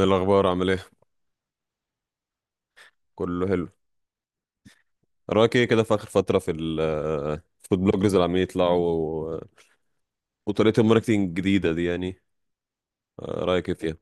إيه الأخبار؟ عامل إيه؟ كله حلو. رأيك إيه كده في آخر فترة في الفود بلوجرز اللي عمالين يطلعوا و- وطريقة الماركتينج الجديدة دي يعني؟ رأيك إيه فيها؟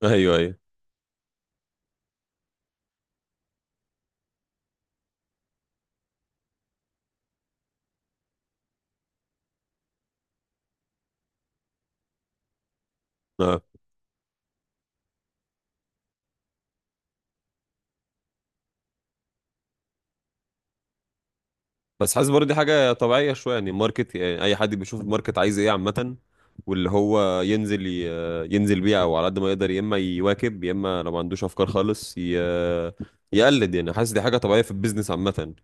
أيوه أيوه. آه. بس حاسس برضه دي حاجة طبيعية شوية، يعني الماركت، يعني أي حد بيشوف الماركت عايز إيه عامة، واللي هو ينزل ينزل بيه أو على قد ما يقدر، يا إما يواكب يا إما لو ما عندوش أفكار خالص يقلد، يعني حاسس دي حاجة طبيعية في البيزنس عامة.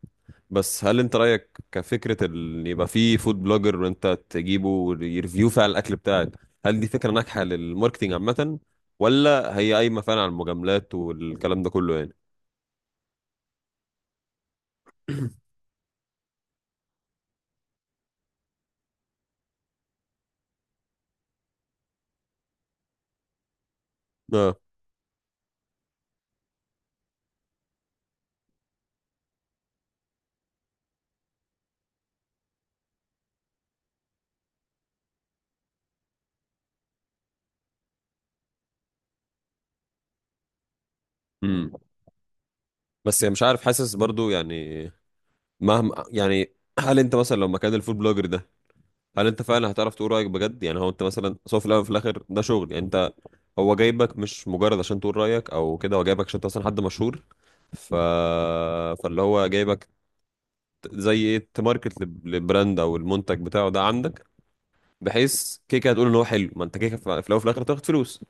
بس هل أنت رأيك كفكرة يبقى في فود بلوجر وأنت تجيبه ويرفيو فعلا الأكل بتاعك، هل دي فكرة ناجحة للماركتينج عامة؟ ولا هي قايمة فعلا على المجاملات والكلام ده كله يعني؟ اه. امم. بس يعني مش عارف، حاسس برضو يعني مهما، يعني هل انت مثلا لو مكان الفود بلوجر ده، هل انت فعلا هتعرف تقول رايك بجد؟ يعني هو انت مثلا سواء في الاول وفي الاخر ده شغل، يعني انت هو جايبك مش مجرد عشان تقول رايك او كده، هو جايبك عشان انت مثلا حد مشهور. ف فاللي هو جايبك زي ايه تماركت للبراند او المنتج بتاعه ده عندك، بحيث كيكه هتقول ان هو حلو، ما انت كيكه في الاول وفي الاخر تاخد فلوس.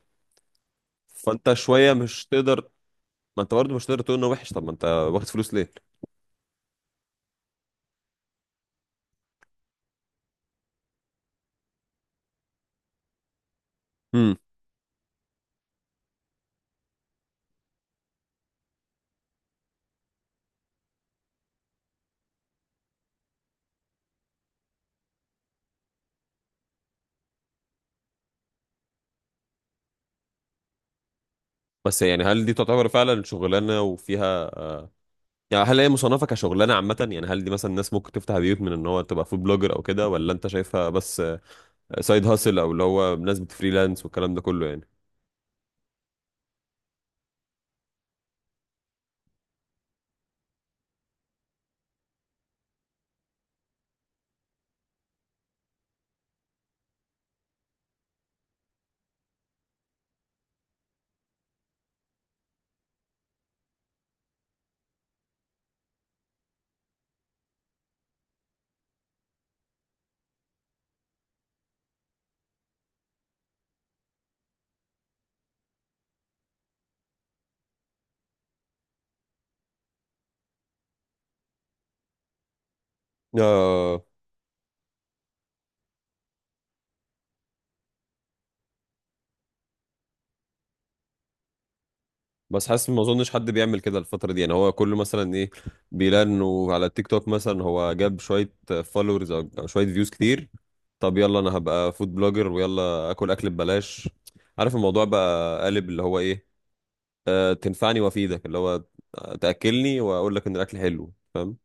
فانت شويه مش تقدر، ما انت برضه مش تقدر تقول انه وحش، طب ما انت واخد فلوس ليه؟ امم. بس يعني هل دي تعتبر فعلا شغلانه وفيها؟ يعني هل هي مصنفة كشغلانة عامة؟ يعني هل دي مثلا ناس ممكن تفتح بيوت من ان هو تبقى فود بلوجر او كده، ولا انت شايفها بس سايد هاسل، او اللي هو ناس بتفريلانس والكلام ده كله يعني؟ آه. بس حاسس ما اظنش حد بيعمل كده الفترة دي، يعني هو كله مثلا ايه، بيلاقي انه على التيك توك مثلا هو جاب شوية فولورز او أو شوية فيوز كتير، طب يلا انا هبقى فود بلوجر ويلا اكل اكل ببلاش. عارف الموضوع بقى قالب اللي هو ايه، آه تنفعني وافيدك، اللي هو تاكلني واقول لك ان الاكل حلو، فاهم؟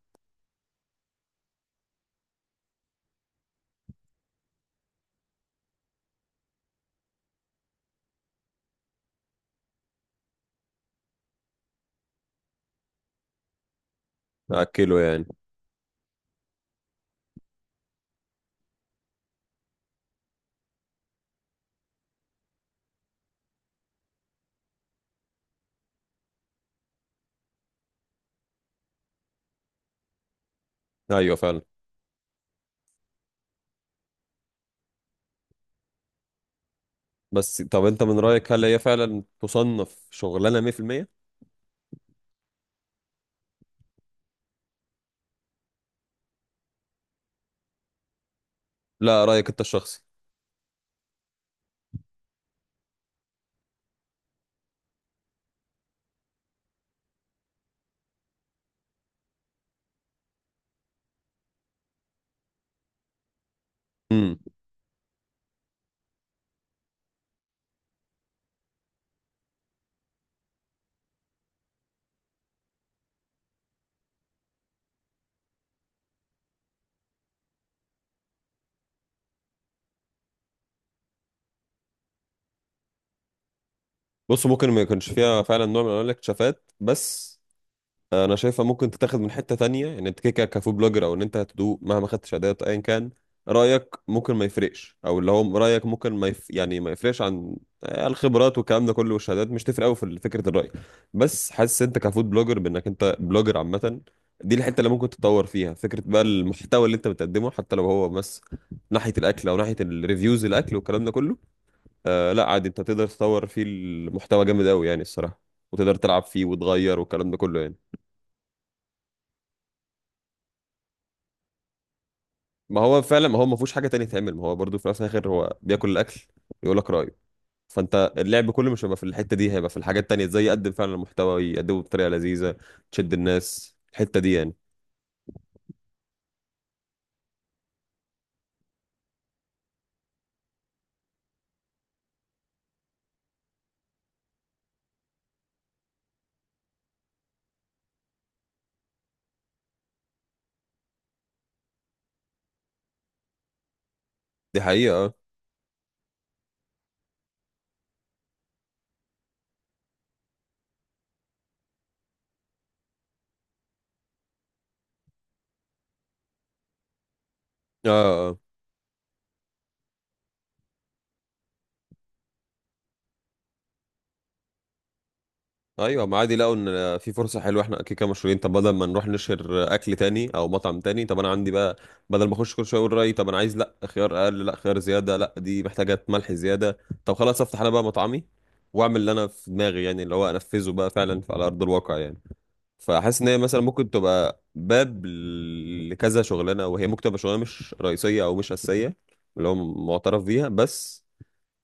اكله يعني. ايوه فعلا. بس طب انت من رايك هل هي فعلا تصنف شغلانه 100%؟ لا، رايك انت الشخصي. امم. بص ممكن ما يكونش فيها فعلا نوع من انواع الاكتشافات، بس انا شايفها ممكن تتاخد من حته تانية، ان انت كده كده كفود بلوجر او ان انت هتدوق مهما خدتش ادوات ايا كان، رايك ممكن ما يفرقش، او اللي هو رايك ممكن ما يف... يعني ما يفرقش عن الخبرات والكلام ده كله والشهادات، مش تفرق قوي في فكره الراي. بس حاسس انت كفود بلوجر بانك انت بلوجر عامه، دي الحته اللي ممكن تتطور فيها، فكره بقى المحتوى اللي انت بتقدمه حتى لو هو بس ناحيه الاكل او ناحيه الريفيوز الاكل والكلام ده كله. آه لا عادي، انت تقدر تطور فيه المحتوى جامد قوي يعني الصراحه، وتقدر تلعب فيه وتغير والكلام ده كله يعني. ما هو فعلا، ما هو ما فيهوش حاجه تانية تعمل، ما هو برضو في الاول وفي الاخر هو بياكل الاكل، يقول لك رايه. فانت اللعب كله مش هيبقى في الحته دي، هيبقى في الحاجات التانية، ازاي يقدم فعلا محتوى، يقدمه بطريقه لذيذه تشد الناس، الحته دي يعني. دي حقيقه. اه. اه. آه. ايوه ما عادي لقوا ان في فرصه حلوه، احنا كده كده مشهورين، طب بدل ما نروح نشهر اكل تاني او مطعم تاني، طب انا عندي بقى، بدل ما اخش كل شويه اقول رايي طب انا عايز لا خيار اقل لا خيار زياده لا دي محتاجه ملح زياده، طب خلاص افتح انا بقى مطعمي، واعمل اللي انا في دماغي، يعني اللي هو انفذه بقى فعلا على ارض الواقع يعني. فحاسس ان هي مثلا ممكن تبقى باب لكذا شغلانه، وهي ممكن تبقى شغلانه مش رئيسيه او مش اساسيه، اللي هو معترف بيها. بس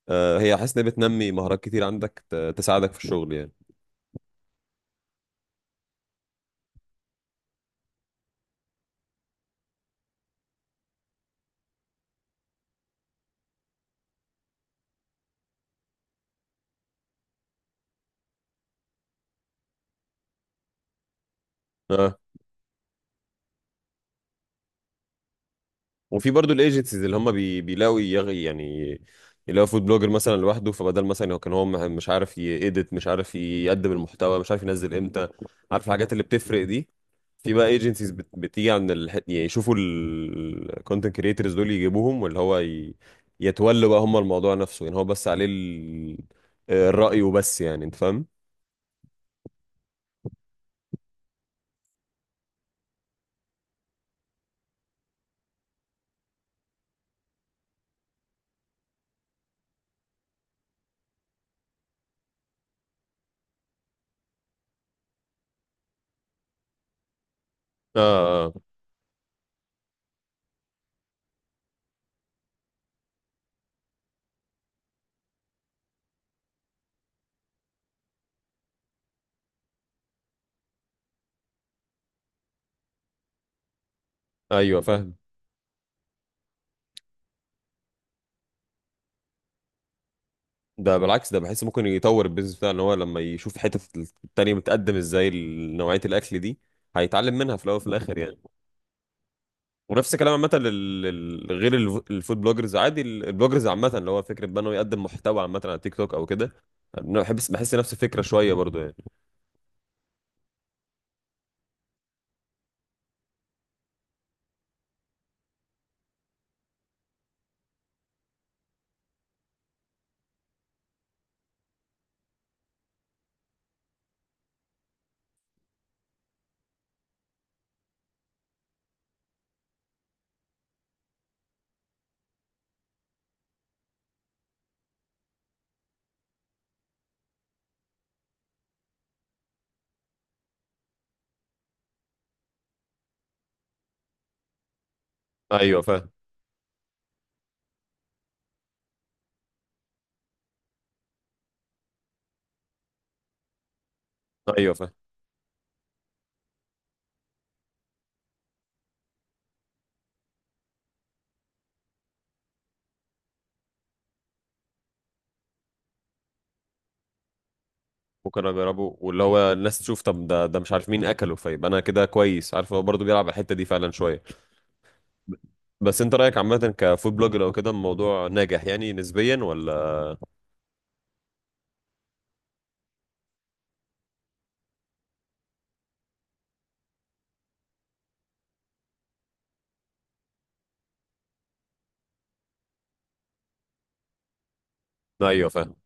هي حاسس ان هي بتنمي مهارات كتير عندك تساعدك في الشغل يعني. اه. وفي برضو الايجنسيز اللي هم بيلاقوا يعني يلاقوا فود بلوجر مثلا لوحده، فبدل مثلا هو كان هو مش عارف يedit، مش عارف يقدم المحتوى، مش عارف ينزل امتى، عارف الحاجات اللي بتفرق دي. في بقى ايجنسيز بتيجي عند يعني يشوفوا الكونتنت كريترز دول يجيبوهم، واللي هو يتولوا بقى هم الموضوع نفسه، يعني هو بس عليه الرأي وبس، يعني انت فاهم. اه. اه. ايوه فاهم. ده بالعكس، ده بحس ممكن يطور البيزنس بتاعه، ان هو لما يشوف حتة التانية بتقدم ازاي نوعية الاكل دي، هيتعلم منها في الاول وفي الاخر يعني. ونفس الكلام عامة غير الفود بلوجرز عادي، البلوجرز عامة، اللي هو فكرة بقى انه يقدم محتوى عامة على تيك توك او كده. أنا بحس نفس الفكرة شوية برضو يعني. ايوه فاهم. ايوه فاهم. ممكن اجربه واللي هو الناس تشوف طب ده مش عارف مين اكله، فيبقى انا كده كويس، عارف هو برضه بيلعب على الحته دي فعلا شويه. بس انت رايك عامه كفود بلوجر او كده الموضوع ناجح يعني نسبيا ولا؟ ايوه فاهم.